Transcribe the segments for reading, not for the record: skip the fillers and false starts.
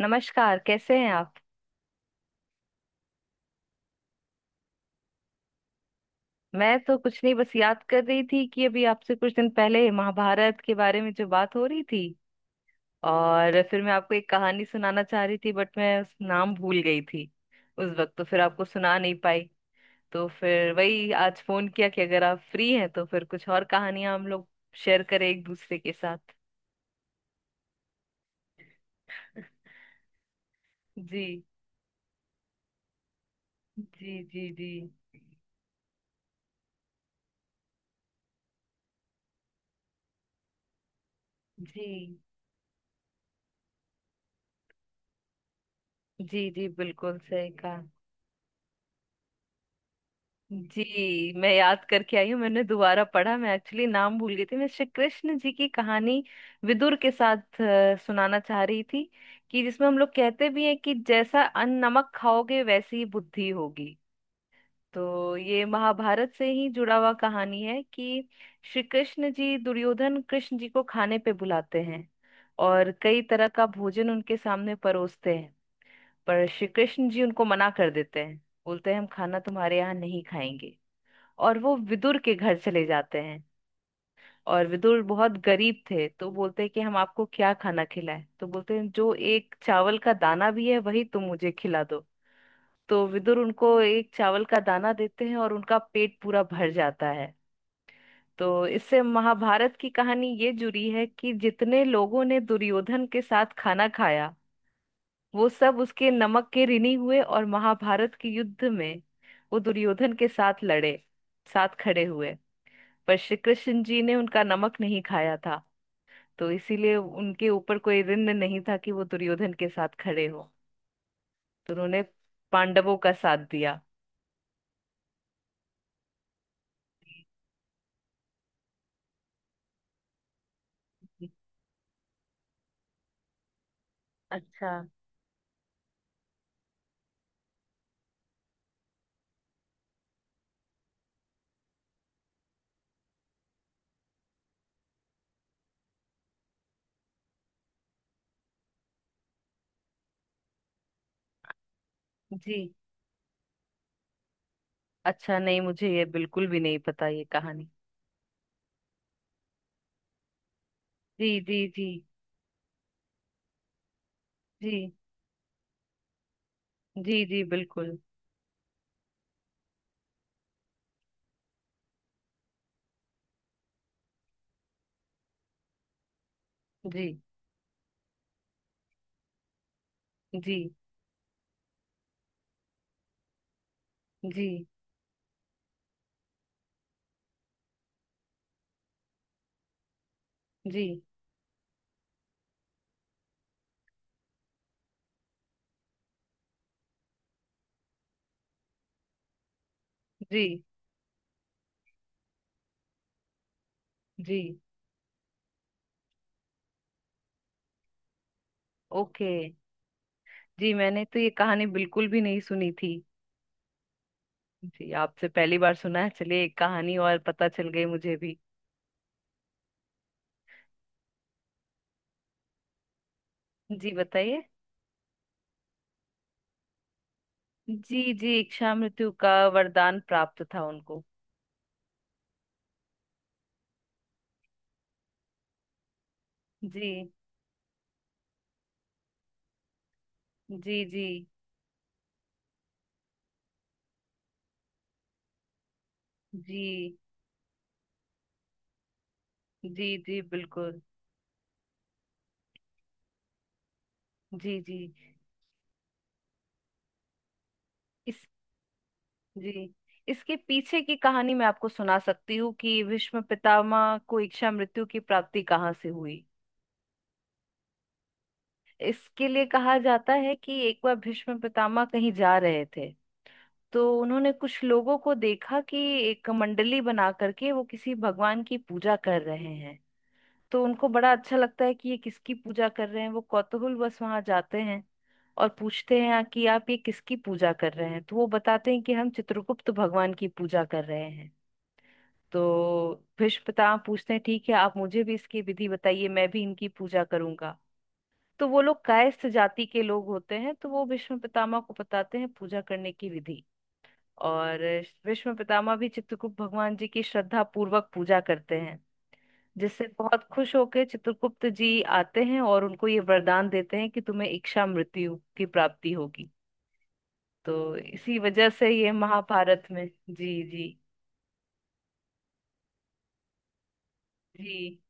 नमस्कार, कैसे हैं आप। मैं तो कुछ नहीं, बस याद कर रही थी कि अभी आपसे कुछ दिन पहले महाभारत के बारे में जो बात हो रही थी और फिर मैं आपको एक कहानी सुनाना चाह रही थी, बट मैं उस नाम भूल गई थी। उस वक्त तो फिर आपको सुना नहीं पाई। तो फिर वही आज फोन किया कि अगर आप फ्री हैं तो फिर कुछ और कहानियां हम लोग शेयर करें एक दूसरे के साथ। जी। जी जी जी। जी जी जी बिल्कुल सही कहा। जी, मैं याद करके आई हूँ, मैंने दोबारा पढ़ा। मैं एक्चुअली नाम भूल गई थी। मैं श्री कृष्ण जी की कहानी विदुर के साथ सुनाना चाह रही थी, कि जिसमें हम लोग कहते भी हैं कि जैसा अन्न नमक खाओगे वैसी ही बुद्धि होगी। तो ये महाभारत से ही जुड़ा हुआ कहानी है कि श्री कृष्ण जी, दुर्योधन कृष्ण जी को खाने पे बुलाते हैं और कई तरह का भोजन उनके सामने परोसते हैं। पर श्री कृष्ण जी उनको मना कर देते हैं। बोलते हैं, हम खाना तुम्हारे यहाँ नहीं खाएंगे, और वो विदुर के घर चले जाते हैं। और विदुर बहुत गरीब थे, तो बोलते हैं कि हम आपको क्या खाना खिलाएं। तो बोलते हैं जो एक चावल का दाना भी है वही तुम मुझे खिला दो। तो विदुर उनको एक चावल का दाना देते हैं और उनका पेट पूरा भर जाता है। तो इससे महाभारत की कहानी ये जुड़ी है कि जितने लोगों ने दुर्योधन के साथ खाना खाया, वो सब उसके नमक के ऋणी हुए और महाभारत के युद्ध में वो दुर्योधन के साथ लड़े, साथ खड़े हुए। पर श्री कृष्ण जी ने उनका नमक नहीं खाया था, तो इसीलिए उनके ऊपर कोई ऋण नहीं था कि वो दुर्योधन के साथ खड़े हो। तो उन्होंने पांडवों का साथ दिया। अच्छा। जी। अच्छा, नहीं मुझे ये बिल्कुल भी नहीं पता ये कहानी। जी जी जी। जी जी जी बिल्कुल। जी जी जी जी जी जी। ओके। जी, मैंने तो ये कहानी बिल्कुल भी नहीं सुनी थी। जी, आपसे पहली बार सुना है। चलिए, एक कहानी और पता चल गई मुझे भी। जी बताइए। जी जी, इच्छा मृत्यु का वरदान प्राप्त था उनको। जी जी जी। जी जी जी बिल्कुल। जी जी इस जी, इसके पीछे की कहानी मैं आपको सुना सकती हूँ कि भीष्म पितामह को इच्छा मृत्यु की प्राप्ति कहाँ से हुई। इसके लिए कहा जाता है कि एक बार भीष्म पितामह कहीं जा रहे थे। तो उन्होंने कुछ लोगों को देखा कि एक मंडली बना करके वो किसी भगवान की पूजा कर रहे हैं। तो उनको बड़ा अच्छा लगता है कि ये किसकी पूजा कर रहे हैं। वो कौतूहल बस वहां जाते हैं और पूछते हैं, "हाँ, कि आप ये किसकी पूजा कर रहे हैं।" तो वो बताते हैं कि हम चित्रगुप्त भगवान की पूजा कर रहे हैं। तो भीष्म पितामह पूछते हैं, ठीक है, आप मुझे भी इसकी विधि बताइए, मैं भी इनकी पूजा करूंगा। तो वो लोग कायस्थ जाति के लोग होते हैं, तो वो भीष्म पितामह को बताते हैं पूजा करने की विधि। और भीष्म पितामह भी चित्रगुप्त भगवान जी की श्रद्धा पूर्वक पूजा करते हैं, जिससे बहुत खुश होकर चित्रगुप्त जी आते हैं और उनको ये वरदान देते हैं कि तुम्हें इच्छा मृत्यु की प्राप्ति होगी। तो इसी वजह से ये महाभारत में। जी जी। जी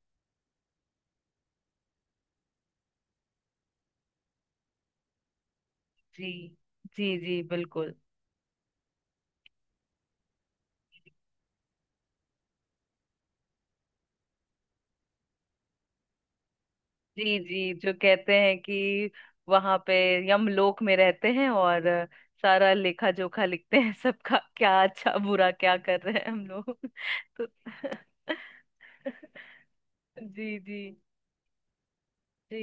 जी जी जी बिल्कुल। जी जी, जो कहते हैं कि वहां पे यमलोक में रहते हैं और सारा लेखा जोखा लिखते हैं सबका, क्या अच्छा बुरा क्या कर रहे हैं हम लोग। तो। जी जी। जी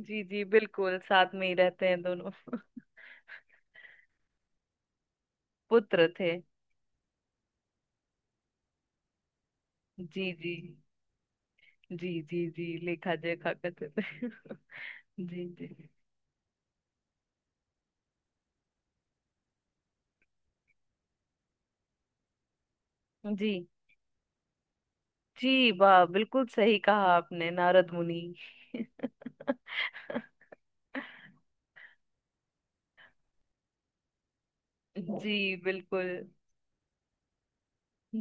जी जी बिल्कुल, साथ में ही रहते हैं दोनों। पुत्र थे। जी जी। जी जी जी लेखा जोखा करते थे। जी जी। जी जी वाह, बिल्कुल सही कहा आपने, नारद मुनि। जी बिल्कुल।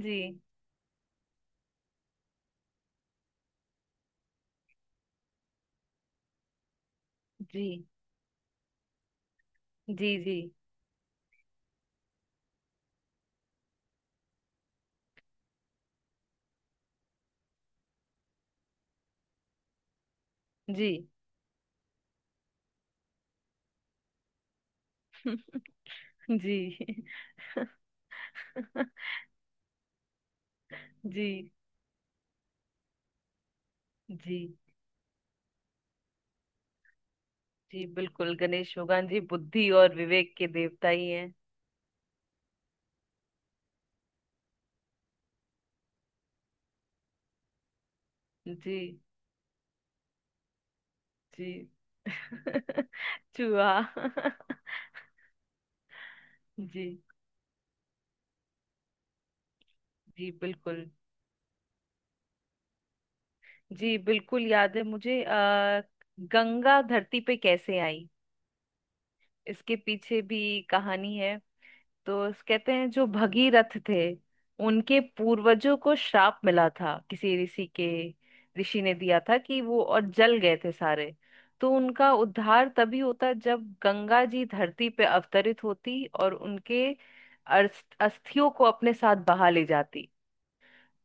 जी। जी जी जी जी। जी। जी। जी जी बिल्कुल, गणेश भगवान जी बुद्धि और विवेक के देवता ही हैं। जी जी। चूहा। जी जी बिल्कुल। जी, बिल्कुल याद है मुझे। गंगा धरती पे कैसे आई। इसके पीछे भी कहानी है। तो कहते हैं जो भगीरथ थे, उनके पूर्वजों को श्राप मिला था किसी ऋषि के। ऋषि ने दिया था कि वो और जल गए थे सारे। तो उनका उद्धार तभी होता जब गंगा जी धरती पे अवतरित होती और उनके अस्थियों को अपने साथ बहा ले जाती।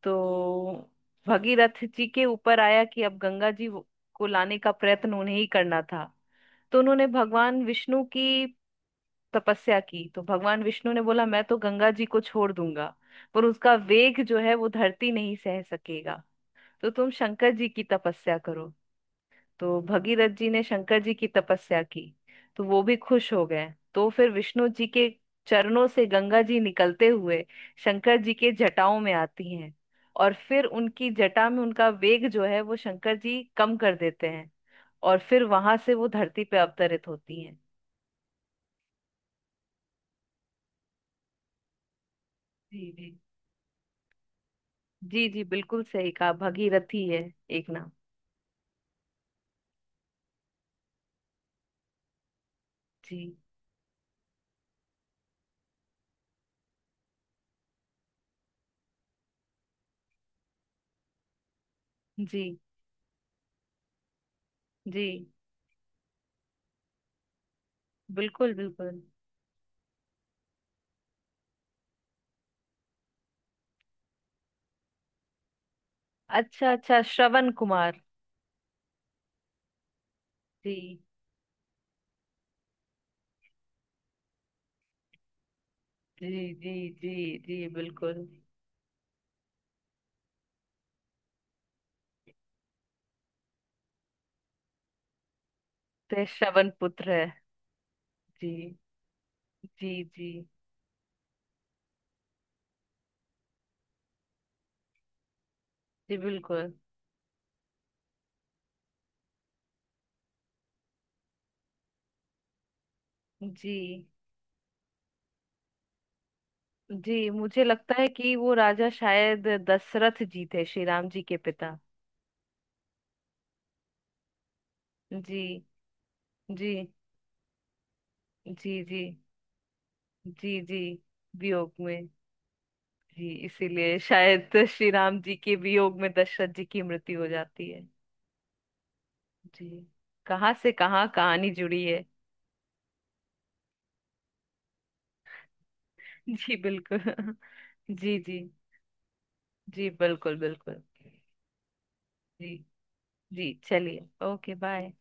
तो भगीरथ जी के ऊपर आया कि अब गंगा जी को लाने का प्रयत्न उन्हें ही करना था। तो उन्होंने भगवान विष्णु की तपस्या की। तो भगवान विष्णु ने बोला, मैं तो गंगा जी को छोड़ दूंगा पर उसका वेग जो है वो धरती नहीं सह सकेगा। तो तुम शंकर जी की तपस्या करो। तो भगीरथ जी ने शंकर जी की तपस्या की। तो वो भी खुश हो गए। तो फिर विष्णु जी के चरणों से गंगा जी निकलते हुए शंकर जी के जटाओं में आती हैं, और फिर उनकी जटा में उनका वेग जो है वो शंकर जी कम कर देते हैं। और फिर वहां से वो धरती पे अवतरित होती हैं। जी जी। जी जी बिल्कुल सही कहा, भगीरथी है एक नाम। जी जी। जी बिल्कुल बिल्कुल। अच्छा, अच्छा, श्रवण कुमार। जी जी जी जी जी बिल्कुल, ते श्रवण पुत्र है। जी जी जी जी बिल्कुल। जी जी, मुझे लगता है कि वो राजा शायद दशरथ जी थे, श्री राम जी के पिता। जी जी। जी जी। जी जी वियोग में। जी इसीलिए शायद श्री राम जी के वियोग में दशरथ जी की मृत्यु हो जाती है। जी, कहाँ से कहाँ कहानी जुड़ी है। जी बिल्कुल। जी जी। जी बिल्कुल बिल्कुल। जी जी। चलिए, ओके, बाय।